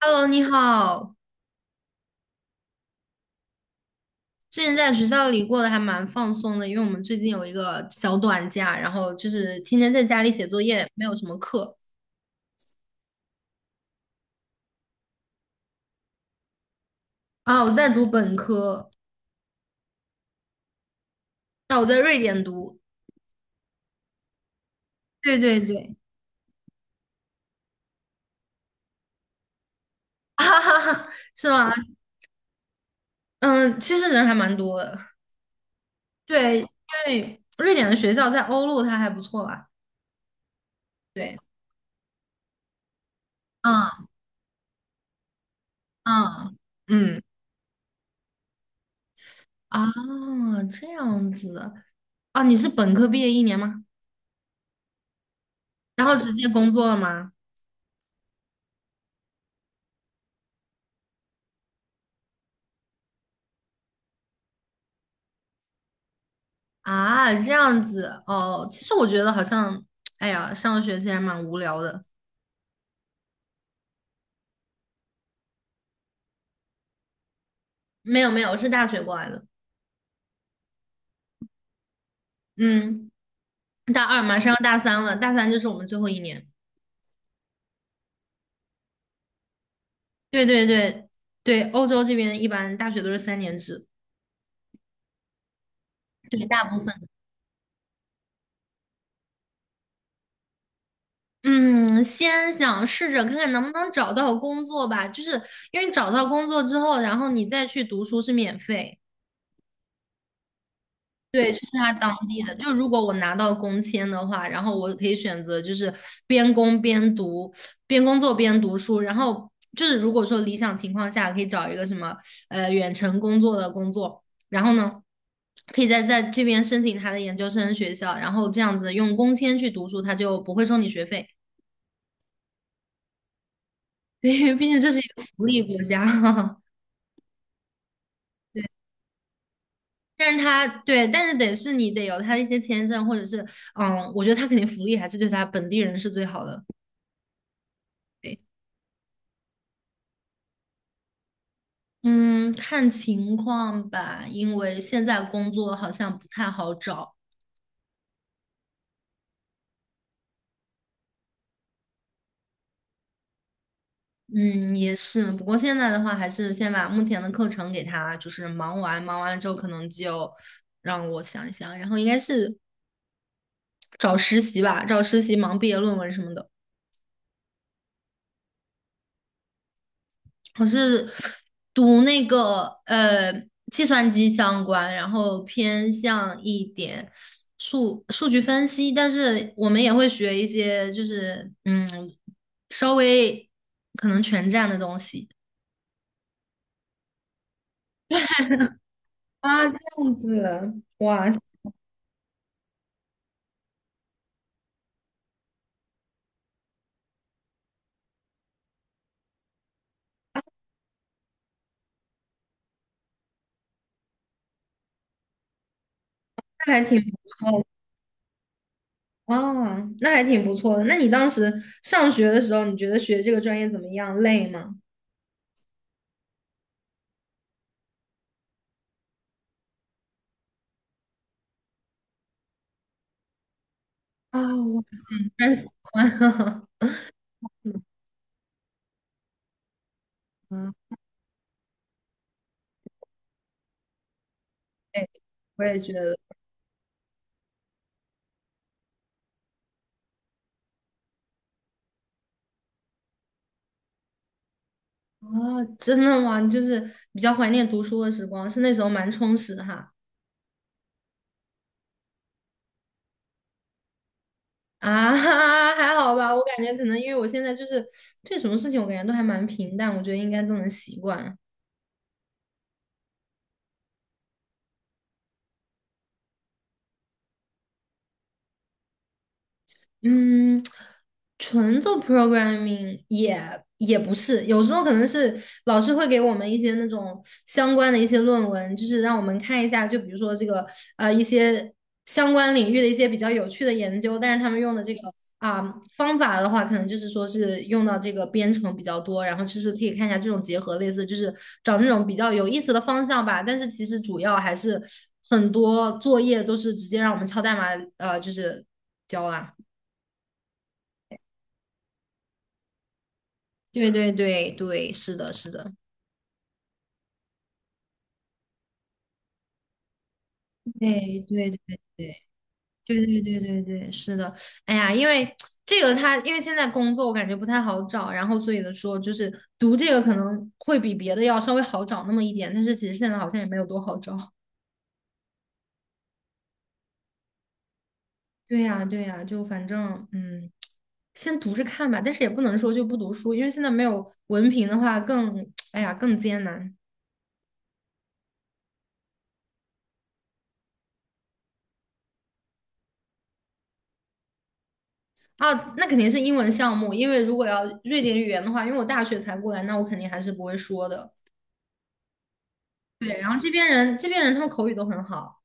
Hello，你好。之前在学校里过得还蛮放松的，因为我们最近有一个小短假，然后就是天天在家里写作业，没有什么课啊。我在读本科，那我在瑞典读。对对对，哈哈哈，是吗？嗯，其实人还蛮多的。对，因为瑞典的学校在欧陆它还不错吧？对，嗯嗯嗯啊，这样子啊，你是本科毕业一年吗？然后直接工作了吗？啊，这样子哦。其实我觉得好像，哎呀，上学其实还蛮无聊的。没有没有，我是大学过来的。嗯，大二马上要大三了，大三就是我们最后一年。对对对对，欧洲这边一般大学都是三年制，对，大部分。嗯，先想试着看看能不能找到工作吧，就是因为找到工作之后，然后你再去读书是免费。对，就是他当地的。就如果我拿到工签的话，然后我可以选择就是边工边读，边工作边读书。然后就是如果说理想情况下，可以找一个什么远程工作的工作，然后呢，可以在这边申请他的研究生学校，然后这样子用工签去读书，他就不会收你学费。因为毕竟这是一个福利国家。对，但是他对，但是得是你得有他的一些签证，或者是嗯，我觉得他肯定福利还是对他本地人是最好的。对，嗯，看情况吧，因为现在工作好像不太好找。嗯，也是，不过现在的话，还是先把目前的课程给他，就是忙完，忙完了之后，可能就让我想一想，然后应该是找实习吧，找实习忙毕业论文什么的。我是读那个计算机相关，然后偏向一点数据分析，但是我们也会学一些就是嗯稍微可能全站的东西。啊，这样子，哇，那还挺不错的啊，那还挺不错的。那你当时上学的时候，你觉得学这个专业怎么样？累吗？啊，我嗯，但喜欢，嗯，对，我也觉得。哦，真的吗？你就是比较怀念读书的时光，是那时候蛮充实的哈。啊，还好吧，我感觉可能因为我现在就是对什么事情，我感觉都还蛮平淡，我觉得应该都能习惯。嗯，纯做 programming 也不是，有时候可能是老师会给我们一些那种相关的一些论文，就是让我们看一下，就比如说这个一些相关领域的一些比较有趣的研究，但是他们用的这个啊、方法的话，可能就是说是用到这个编程比较多，然后就是可以看一下这种结合，类似就是找那种比较有意思的方向吧。但是其实主要还是很多作业都是直接让我们敲代码，就是交啦。对对对对，是的，是的，对对对对对对对对对，是的。哎呀，因为这个他，因为现在工作我感觉不太好找，然后所以的说就是读这个可能会比别的要稍微好找那么一点，但是其实现在好像也没有多好找。对呀，对呀，就反正嗯，先读着看吧，但是也不能说就不读书，因为现在没有文凭的话更，哎呀，更艰难。啊，那肯定是英文项目，因为如果要瑞典语言的话，因为我大学才过来，那我肯定还是不会说的。对，然后这边人他们口语都很好。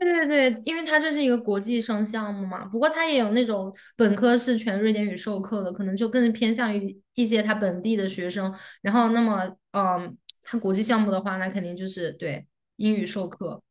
对对对，因为他这是一个国际生项目嘛，不过他也有那种本科是全瑞典语授课的，可能就更偏向于一些他本地的学生。然后，那么，嗯，他国际项目的话，那肯定就是对英语授课。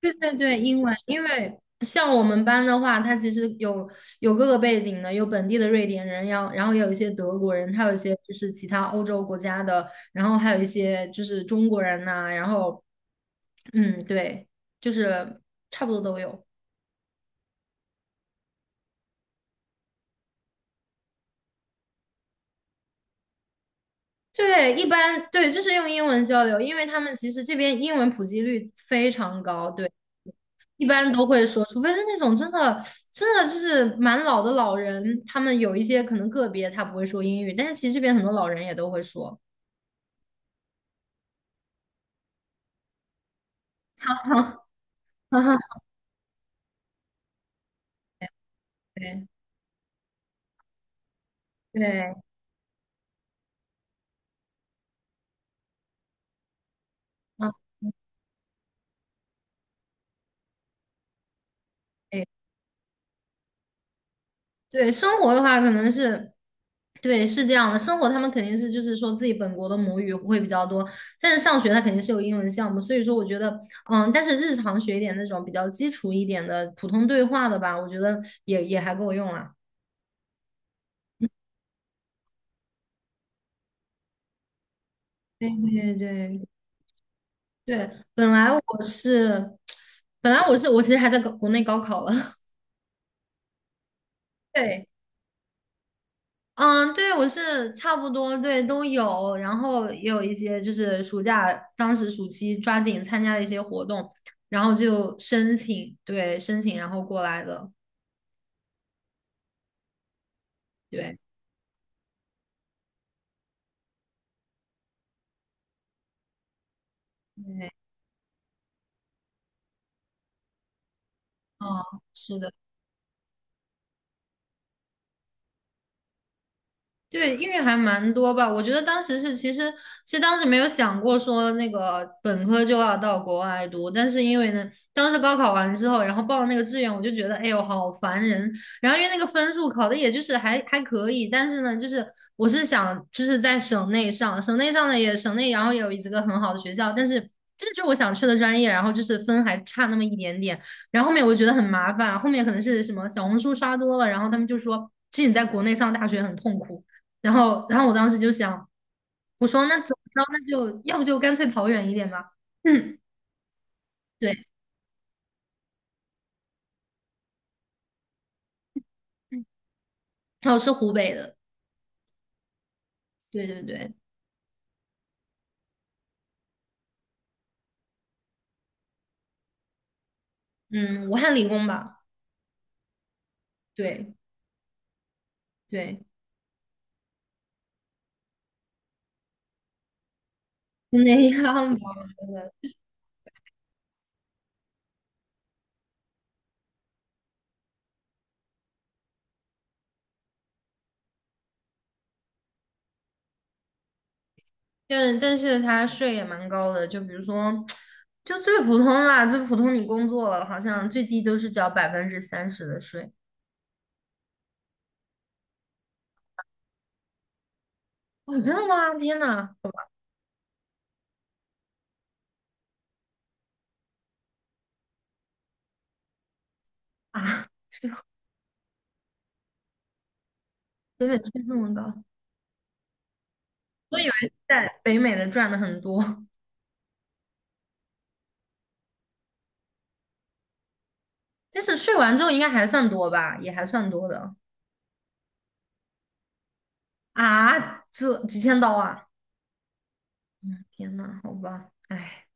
对对对，英文，因为像我们班的话，他其实有各个背景的，有本地的瑞典人，然后也有一些德国人，还有一些就是其他欧洲国家的，然后还有一些就是中国人呐、然后。嗯，对，就是差不多都有。对，一般对，就是用英文交流，因为他们其实这边英文普及率非常高，对，一般都会说，除非是那种真的就是蛮老的老人，他们有一些可能个别他不会说英语，但是其实这边很多老人也都会说。哈哈，对对，啊，对，生活的话可能是，对，是这样的。生活他们肯定是就是说自己本国的母语会比较多，但是上学他肯定是有英文项目，所以说我觉得，嗯，但是日常学一点那种比较基础一点的普通对话的吧，我觉得也也还够用了。对对对对，本来我是，本来我是我其实还在国内高考了，对。嗯，对，我是差不多，对，都有，然后也有一些就是暑假，当时暑期抓紧参加了一些活动，然后就申请，对，申请然后过来的，对，对，嗯，是的。对，因为还蛮多吧。我觉得当时是，其实其实当时没有想过说那个本科就要到国外读，但是因为呢，当时高考完之后，然后报了那个志愿，我就觉得，哎呦，好烦人。然后因为那个分数考的也就是还还可以，但是呢，就是我是想就是在省内上，省内上的也省内，然后也有几个很好的学校，但是这就是我想去的专业，然后就是分还差那么一点点。然后后面我觉得很麻烦，后面可能是什么小红书刷多了，然后他们就说，其实你在国内上大学很痛苦。然后，然后我当时就想，我说那怎么着，那就要不就干脆跑远一点吧。嗯，对，然后是湖北的，对对对，嗯，武汉理工吧，对对，就那样吧，我觉得。但是他税也蛮高的，就比如说，就最普通啦，最普通你工作了，好像最低都是交30%的税。哦，真的吗？天呐，好吧啊，北美税这么高，我以为在北美的赚的很多。就是睡完之后应该还算多吧，也还算多的啊，这几千刀啊！嗯，天呐，好吧，哎，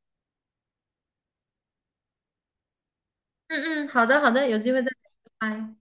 嗯嗯，好的好的，有机会再聊，拜拜。